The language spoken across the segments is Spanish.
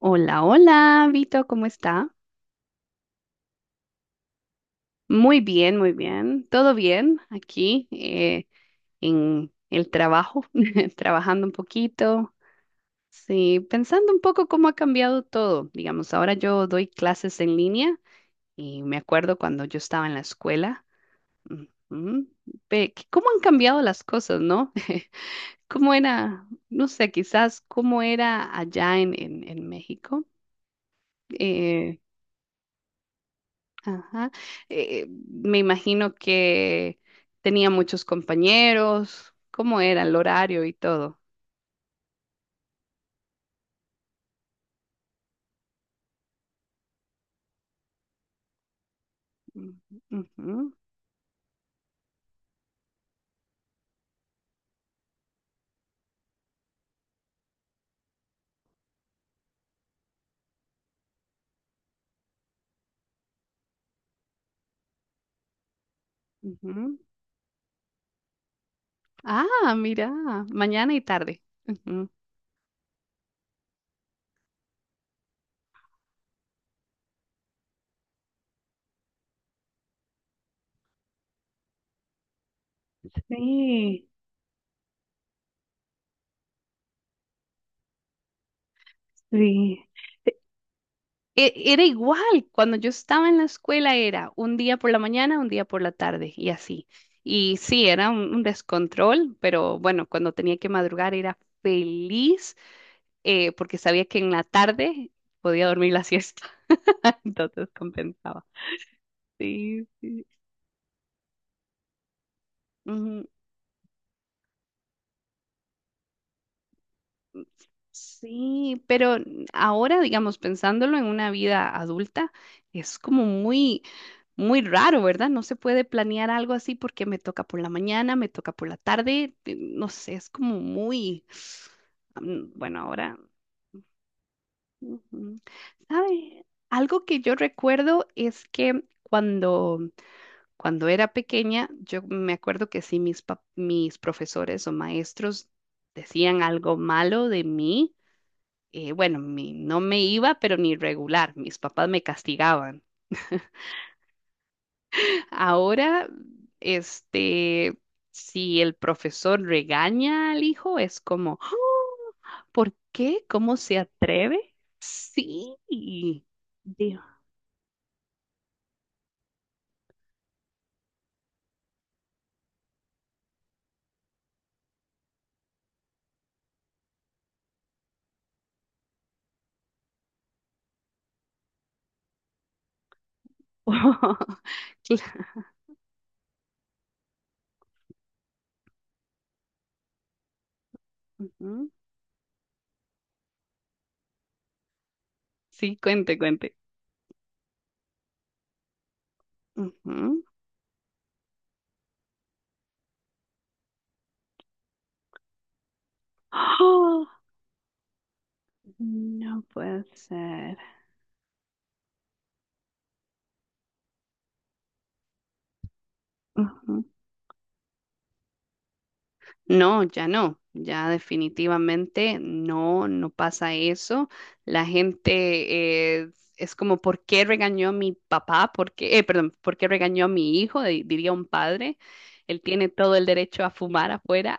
Hola, hola, Vito, ¿cómo está? Muy bien, muy bien. ¿Todo bien aquí en el trabajo? Trabajando un poquito. Sí, pensando un poco cómo ha cambiado todo. Digamos, ahora yo doy clases en línea y me acuerdo cuando yo estaba en la escuela. Ujú. ¿Cómo han cambiado las cosas, no? ¿Cómo era, no sé, quizás cómo era allá en México? Eh, Ajá. Me imagino que tenía muchos compañeros. ¿Cómo era el horario y todo? Mm, ujú, ujú. Ah, mira, mañana y tarde. Ujú. Sí, sí. Era igual, cuando yo estaba en la escuela era un día por la mañana, un día por la tarde y así. Y sí, era un descontrol, pero bueno, cuando tenía que madrugar era feliz porque sabía que en la tarde podía dormir la siesta. Entonces compensaba. Sí, sí. Ujú. Sí, pero ahora, digamos, pensándolo en una vida adulta, es como muy raro, ¿verdad? No se puede planear algo así porque me toca por la mañana, me toca por la tarde, no sé, es como muy, bueno, ahora, ujú. ¿Sabe? Algo que yo recuerdo es que cuando era pequeña, yo me acuerdo que sí, mis profesores o maestros decían algo malo de mí. Bueno, no me iba, pero ni regular. Mis papás me castigaban. Ahora, este, si el profesor regaña al hijo, es como, "Ah, ¿por qué? ¿Cómo se atreve? Sí. Dios. Cla- Ujú. Sí, cuente, cuente. Ujú. ¡Ah! No puede ser. Ujú. No, ya no, ya definitivamente no, no pasa eso. La gente es como, ¿por qué regañó a mi papá? ¿Por qué, perdón, ¿por qué regañó a mi hijo? Diría un padre. Él tiene todo el derecho a fumar afuera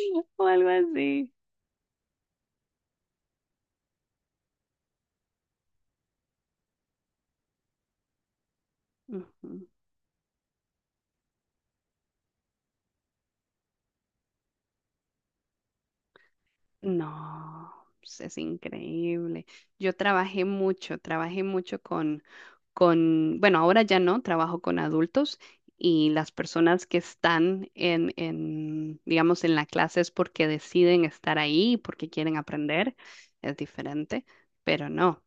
o algo así. Ujú. No, pues, es increíble. Yo trabajé mucho con, bueno, ahora ya no, trabajo con adultos y las personas que están digamos, en la clase es porque deciden estar ahí, porque quieren aprender, es diferente, pero no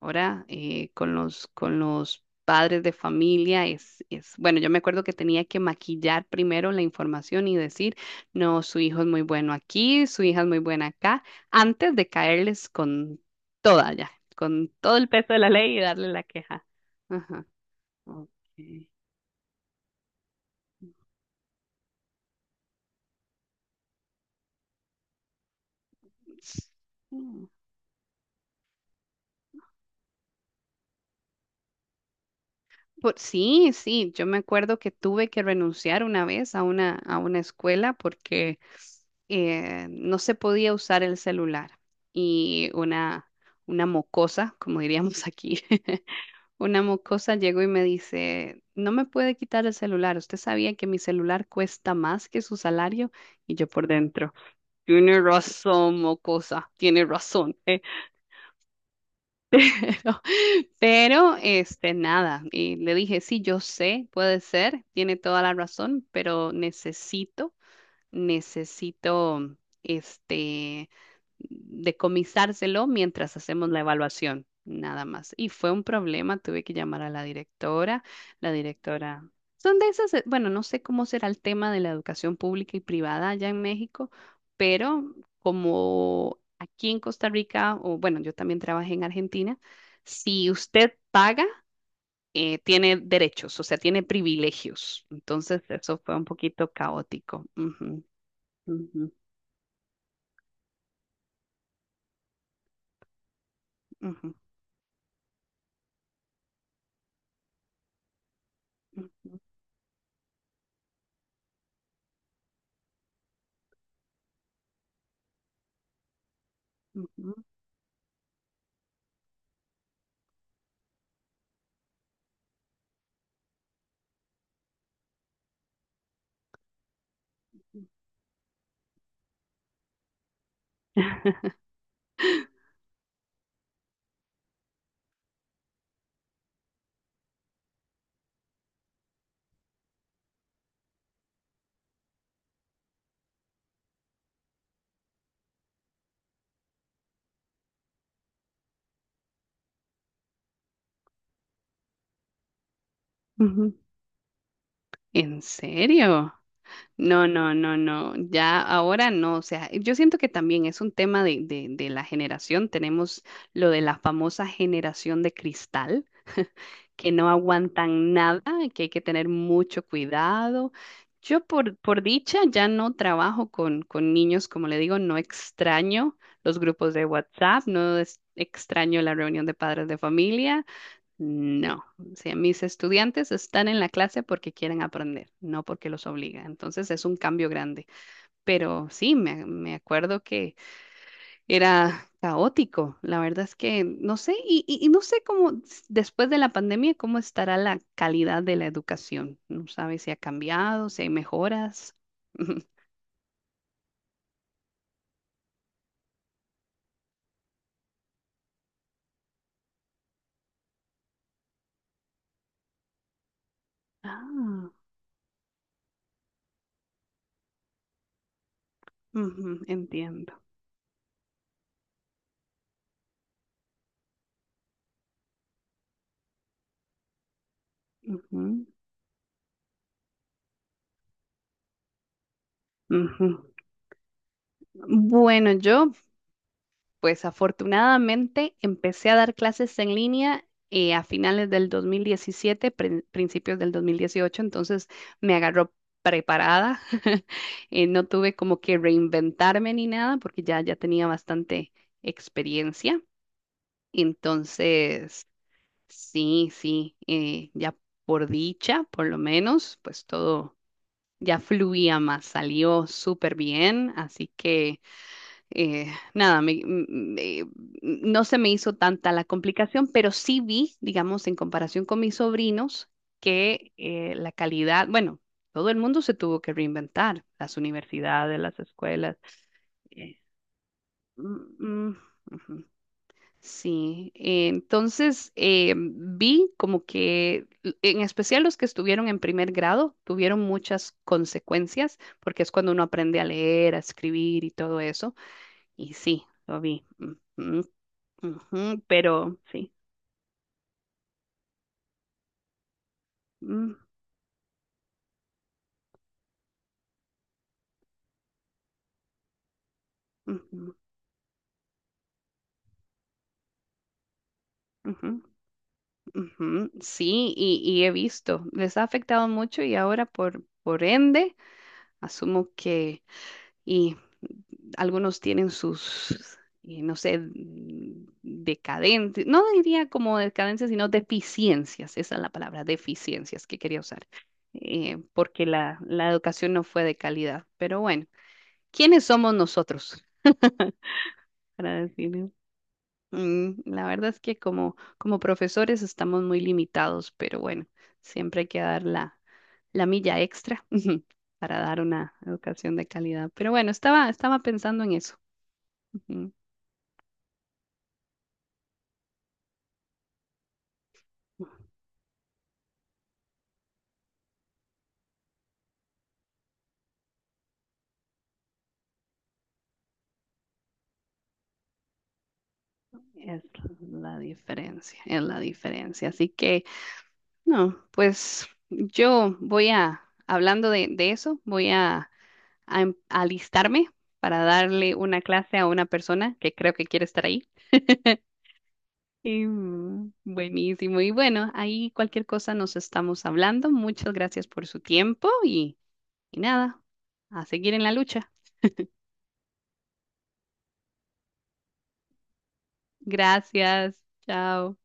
ahora con los padres de familia bueno, yo me acuerdo que tenía que maquillar primero la información y decir, no, su hijo es muy bueno aquí, su hija es muy buena acá, antes de caerles con toda ya, con todo el peso de la ley y darle la queja. Ajá. Ok. Mm. Sí, sí, yo me acuerdo que tuve que renunciar una vez a a una escuela porque no se podía usar el celular y una mocosa, como diríamos aquí, una mocosa llegó y me dice, no me puede quitar el celular, usted sabía que mi celular cuesta más que su salario y yo por dentro, tiene razón, mocosa, tiene razón. Pero, pero, nada, y le dije, sí, yo sé, puede ser, tiene toda la razón, pero necesito este decomisárselo mientras hacemos la evaluación, nada más. Y fue un problema, tuve que llamar a la directora, la directora. Son de esas, bueno, no sé cómo será el tema de la educación pública y privada allá en México, pero como aquí en Costa Rica, o bueno, yo también trabajé en Argentina, si usted paga, tiene derechos, o sea, tiene privilegios. Entonces, eso fue un poquito caótico. Ujú. Ujú, ujú, ujú, ujú, ujú. Ujú. ¿En serio? No, no, no, no. Ya ahora no. O sea, yo siento que también es un tema de la generación. Tenemos lo de la famosa generación de cristal, que no aguantan nada, que hay que tener mucho cuidado. Yo por dicha ya no trabajo con niños, como le digo, no extraño los grupos de WhatsApp, no es- extraño la reunión de padres de familia. No, si mis estudiantes están en la clase porque quieren aprender, no porque los obliga. Entonces es un cambio grande. Pero sí, me acuerdo que era caótico. La verdad es que no sé, y no sé después de la pandemia, cómo estará la calidad de la educación. No sabes si ha cambiado, si hay mejoras. Ah, ujú, entiendo. Ujú, ujú. Bueno, yo pues afortunadamente empecé a dar clases en línea a finales del 2017, principios del 2018, entonces me agarró preparada. No tuve como que reinventarme ni nada porque ya tenía bastante experiencia. Entonces, sí, sí, ya por dicha, por lo menos, pues todo ya fluía más, salió súper bien, así que eh, nada, me- no se me hizo tanta la complicación, pero sí vi, digamos, en comparación con mis sobrinos, que la calidad, bueno, todo el mundo se tuvo que reinventar, las universidades, las escuelas. eh, mm, mm, ujú. Sí, entonces vi como que, en especial los que estuvieron en primer grado, tuvieron muchas consecuencias, porque es cuando uno aprende a leer, a escribir y todo eso. Y sí, lo vi. Mm, mm, ujú, pero sí. Mm, ujú, ujú, ujú. Sí, y he visto. Les ha afectado mucho y ahora por ende, asumo que y algunos tienen sus, y no sé, decadentes, no diría como decadencias, sino deficiencias. Esa es la palabra, deficiencias que quería usar. Porque la educación no fue de calidad. Pero bueno, ¿quiénes somos nosotros para decirlo? Mm, la verdad es que como, como profesores estamos muy limitados, pero bueno, siempre hay que dar la milla extra para dar una educación de calidad. Pero bueno, estaba, estaba pensando en eso. Ujú. Es la diferencia, es la diferencia. Así que, no, pues yo voy a, hablando de eso, voy a, a alistarme para darle una clase a una persona que creo que quiere estar ahí. Eh, Buenísimo. Y bueno, ahí cualquier cosa nos estamos hablando. Muchas gracias por su tiempo y nada, a seguir en la lucha. Gracias. Chao.